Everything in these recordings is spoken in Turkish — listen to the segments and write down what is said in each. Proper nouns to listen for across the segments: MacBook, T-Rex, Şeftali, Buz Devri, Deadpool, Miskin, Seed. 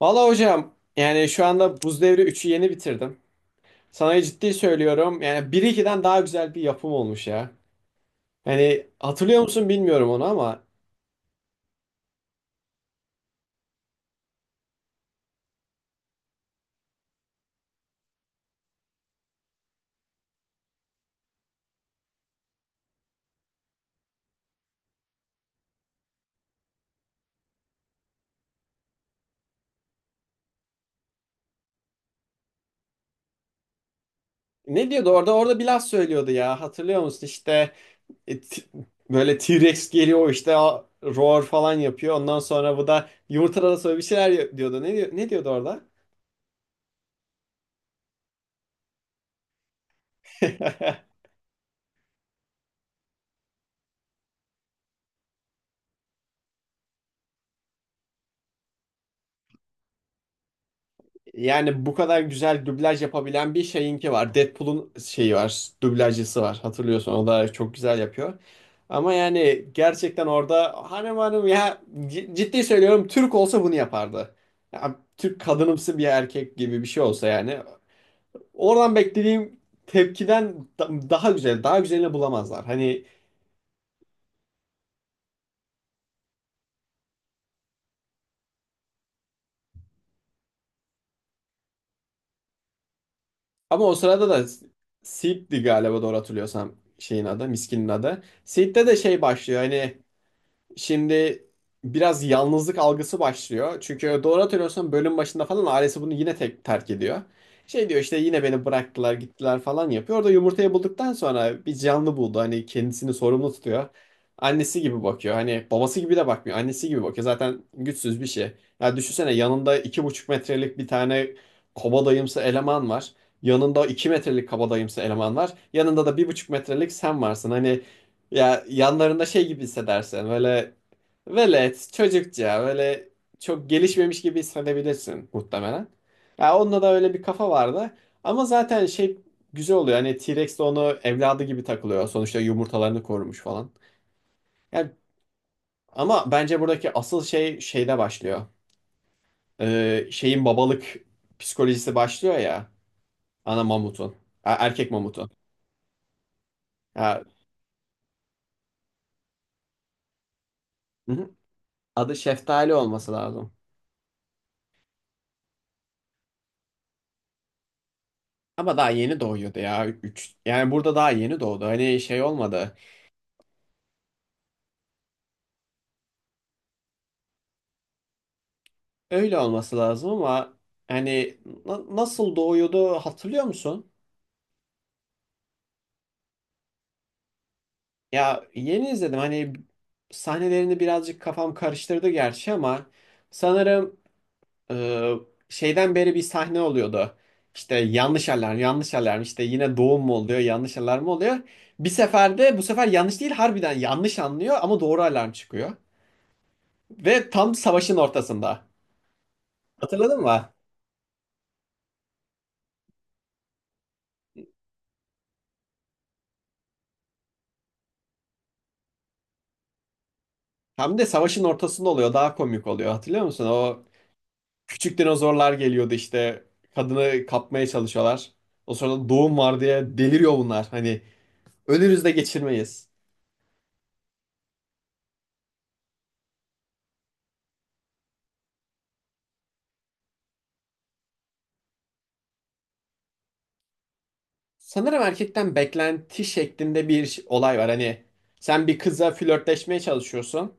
Valla hocam yani şu anda Buz Devri üçü yeni bitirdim. Sana ciddi söylüyorum yani 1-2'den daha güzel bir yapım olmuş ya. Yani hatırlıyor musun bilmiyorum onu ama ne diyordu orada bir laf söylüyordu ya hatırlıyor musun işte e, t- böyle T-Rex geliyor işte roar falan yapıyor ondan sonra bu da yumurtalara sonra bir şeyler diyordu ne diyordu orada? Yani bu kadar güzel dublaj yapabilen bir şeyinki var. Deadpool'un şeyi var, dublajcısı var. Hatırlıyorsun o da çok güzel yapıyor. Ama yani gerçekten orada hanım hanım ya ciddi söylüyorum Türk olsa bunu yapardı. Ya, Türk kadınımsı bir erkek gibi bir şey olsa yani. Oradan beklediğim tepkiden daha güzel, daha güzelini bulamazlar. Hani ama o sırada da Seed'di galiba doğru hatırlıyorsam şeyin adı, Miskin'in adı. Seed'de de şey başlıyor hani. Şimdi biraz yalnızlık algısı başlıyor. Çünkü doğru hatırlıyorsam bölüm başında falan ailesi bunu yine tek terk ediyor. Şey diyor işte yine beni bıraktılar gittiler falan yapıyor. Orada yumurtayı bulduktan sonra bir canlı buldu. Hani kendisini sorumlu tutuyor. Annesi gibi bakıyor. Hani babası gibi de bakmıyor. Annesi gibi bakıyor. Zaten güçsüz bir şey. Ya düşünsene yanında iki buçuk metrelik bir tane kabadayımsı eleman var. Yanında iki metrelik kabadayımsı eleman var. Yanında da bir buçuk metrelik sen varsın. Hani ya yanlarında şey gibi hissedersin böyle velet çocukça böyle çok gelişmemiş gibi hissedebilirsin muhtemelen. Ya onda da öyle bir kafa vardı ama zaten şey güzel oluyor hani T-Rex de onu evladı gibi takılıyor sonuçta yumurtalarını korumuş falan. Yani, ama bence buradaki asıl şey şeyde başlıyor. Şeyin babalık psikolojisi başlıyor ya ana mamutun. Erkek mamutun. Ya, hı hı. Adı Şeftali olması lazım. Ama daha yeni doğuyordu ya. Üç yani burada daha yeni doğdu. Hani şey olmadı. Öyle olması lazım ama hani nasıl doğuyordu hatırlıyor musun? Ya yeni izledim. Hani sahnelerini birazcık kafam karıştırdı gerçi ama sanırım e, şeyden beri bir sahne oluyordu. İşte yanlış alarm, yanlış alarm. İşte yine doğum mu oluyor, yanlış alarm mı oluyor? Bir seferde bu sefer yanlış değil harbiden yanlış anlıyor ama doğru alarm çıkıyor. Ve tam savaşın ortasında. Hatırladın mı? Hem de savaşın ortasında oluyor. Daha komik oluyor. Hatırlıyor musun? O küçük dinozorlar geliyordu işte. Kadını kapmaya çalışıyorlar. O sırada doğum var diye deliriyor bunlar. Hani ölürüz de geçirmeyiz. Sanırım erkekten beklenti şeklinde bir olay var. Hani sen bir kıza flörtleşmeye çalışıyorsun.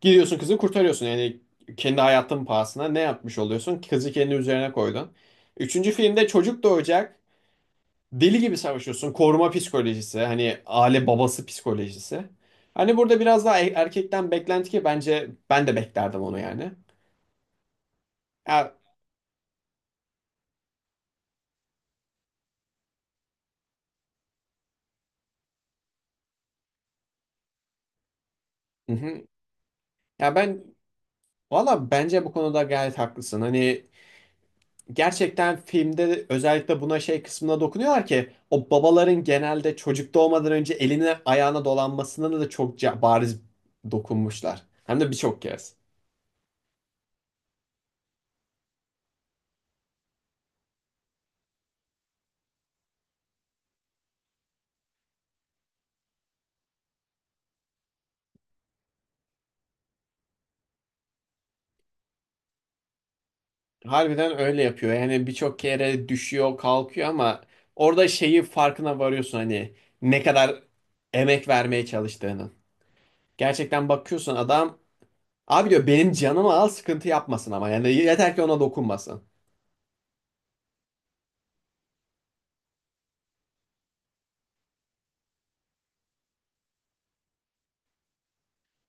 Gidiyorsun kızı kurtarıyorsun. Yani kendi hayatın pahasına ne yapmış oluyorsun? Kızı kendi üzerine koydun. Üçüncü filmde çocuk doğacak. Deli gibi savaşıyorsun. Koruma psikolojisi, hani aile babası psikolojisi. Hani burada biraz daha erkekten beklenti ki bence ben de beklerdim onu yani. Ya, hı hı. Ya ben valla bence bu konuda gayet haklısın. Hani gerçekten filmde özellikle buna şey kısmına dokunuyorlar ki o babaların genelde çocuk doğmadan önce eline ayağına dolanmasına da çok bariz dokunmuşlar. Hem de birçok kez. Harbiden öyle yapıyor. Yani birçok kere düşüyor, kalkıyor ama orada şeyi farkına varıyorsun hani ne kadar emek vermeye çalıştığının. Gerçekten bakıyorsun adam abi diyor benim canımı al sıkıntı yapmasın ama yani yeter ki ona dokunmasın.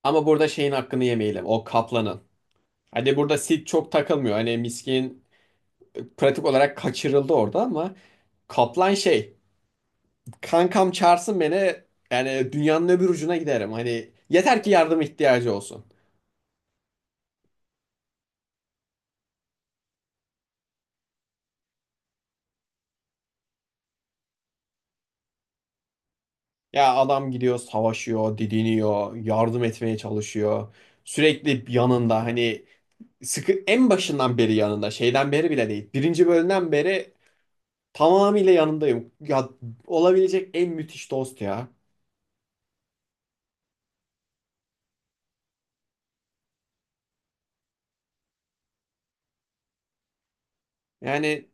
Ama burada şeyin hakkını yemeyelim o kaplanın. Hadi burada Sid çok takılmıyor. Hani miskin pratik olarak kaçırıldı orada ama kaplan şey kankam çağırsın beni yani dünyanın öbür ucuna giderim. Hani yeter ki yardım ihtiyacı olsun. Ya adam gidiyor savaşıyor, didiniyor, yardım etmeye çalışıyor. Sürekli yanında hani sıkı en başından beri yanında şeyden beri bile değil. Birinci bölümden beri tamamıyla yanındayım. Ya olabilecek en müthiş dost ya. Yani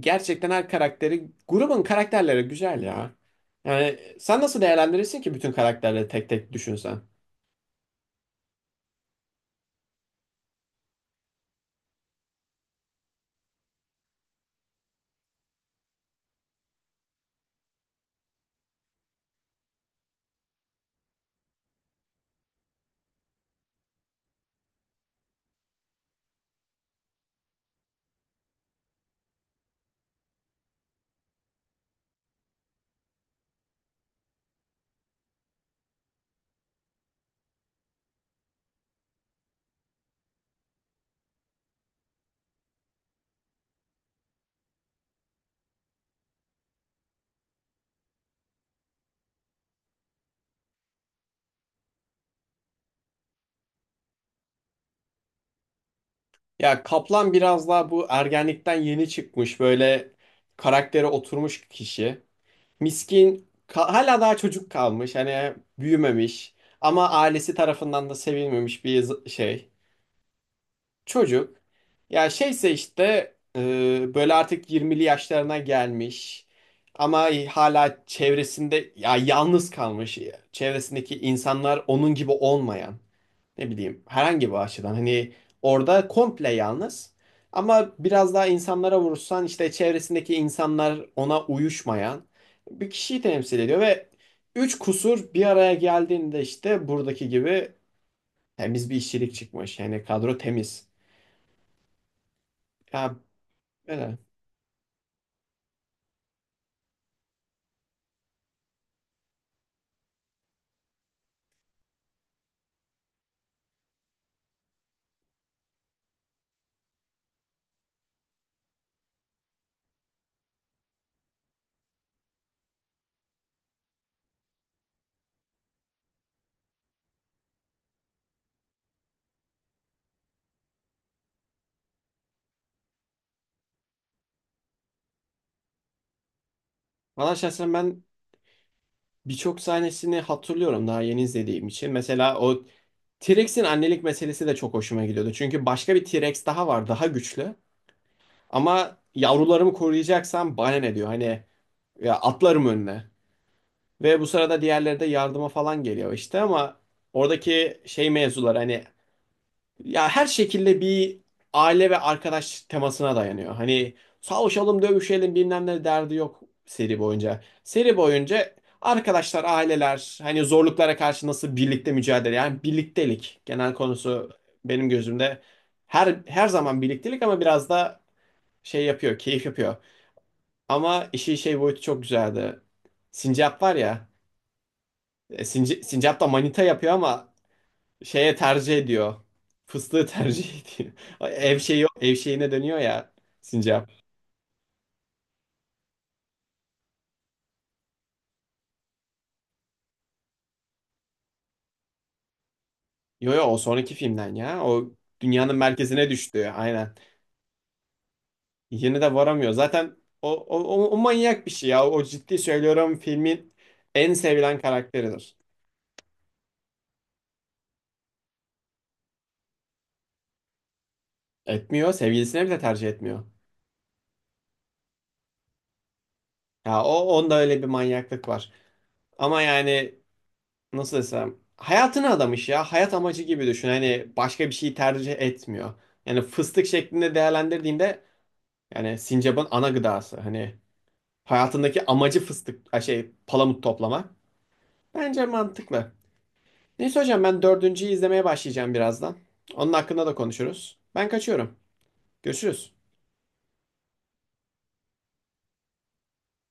gerçekten her karakteri grubun karakterleri güzel ya. Yani sen nasıl değerlendirirsin ki bütün karakterleri tek tek düşünsen? Ya Kaplan biraz daha bu ergenlikten yeni çıkmış böyle karaktere oturmuş kişi. Miskin hala daha çocuk kalmış hani büyümemiş ama ailesi tarafından da sevilmemiş bir şey çocuk. Ya şeyse işte böyle artık 20'li yaşlarına gelmiş ama hala çevresinde ya yalnız kalmış çevresindeki insanlar onun gibi olmayan ne bileyim herhangi bir açıdan hani orada komple yalnız ama biraz daha insanlara vurursan işte çevresindeki insanlar ona uyuşmayan bir kişiyi temsil ediyor ve üç kusur bir araya geldiğinde işte buradaki gibi temiz bir işçilik çıkmış yani kadro temiz. Ya öyle. Valla şahsen ben birçok sahnesini hatırlıyorum daha yeni izlediğim için. Mesela o T-Rex'in annelik meselesi de çok hoşuma gidiyordu. Çünkü başka bir T-Rex daha var, daha güçlü. Ama yavrularımı koruyacaksam bana ne diyor? Hani ya atlarım önüne. Ve bu sırada diğerleri de yardıma falan geliyor işte ama oradaki şey mevzular hani ya her şekilde bir aile ve arkadaş temasına dayanıyor. Hani savaşalım, dövüşelim bilmem ne derdi yok seri boyunca. Seri boyunca arkadaşlar, aileler hani zorluklara karşı nasıl birlikte mücadele yani birliktelik genel konusu benim gözümde her zaman birliktelik ama biraz da şey yapıyor, keyif yapıyor. Ama işin şey boyutu çok güzeldi. Sincap var ya. Sincap da manita yapıyor ama şeye tercih ediyor. Fıstığı tercih ediyor. Ev şeyi ev şeyine dönüyor ya Sincap. Yo yo o sonraki filmden ya. O dünyanın merkezine düştü. Aynen. Yine de varamıyor. Zaten o manyak bir şey ya. O ciddi söylüyorum filmin en sevilen karakteridir. Etmiyor. Sevgilisine bile tercih etmiyor. Ya o onda öyle bir manyaklık var. Ama yani nasıl desem hayatını adamış ya. Hayat amacı gibi düşün. Hani başka bir şey tercih etmiyor. Yani fıstık şeklinde değerlendirdiğinde yani sincapın ana gıdası. Hani hayatındaki amacı fıstık ay şey palamut toplama. Bence mantıklı. Neyse hocam ben dördüncüyü izlemeye başlayacağım birazdan. Onun hakkında da konuşuruz. Ben kaçıyorum. Görüşürüz.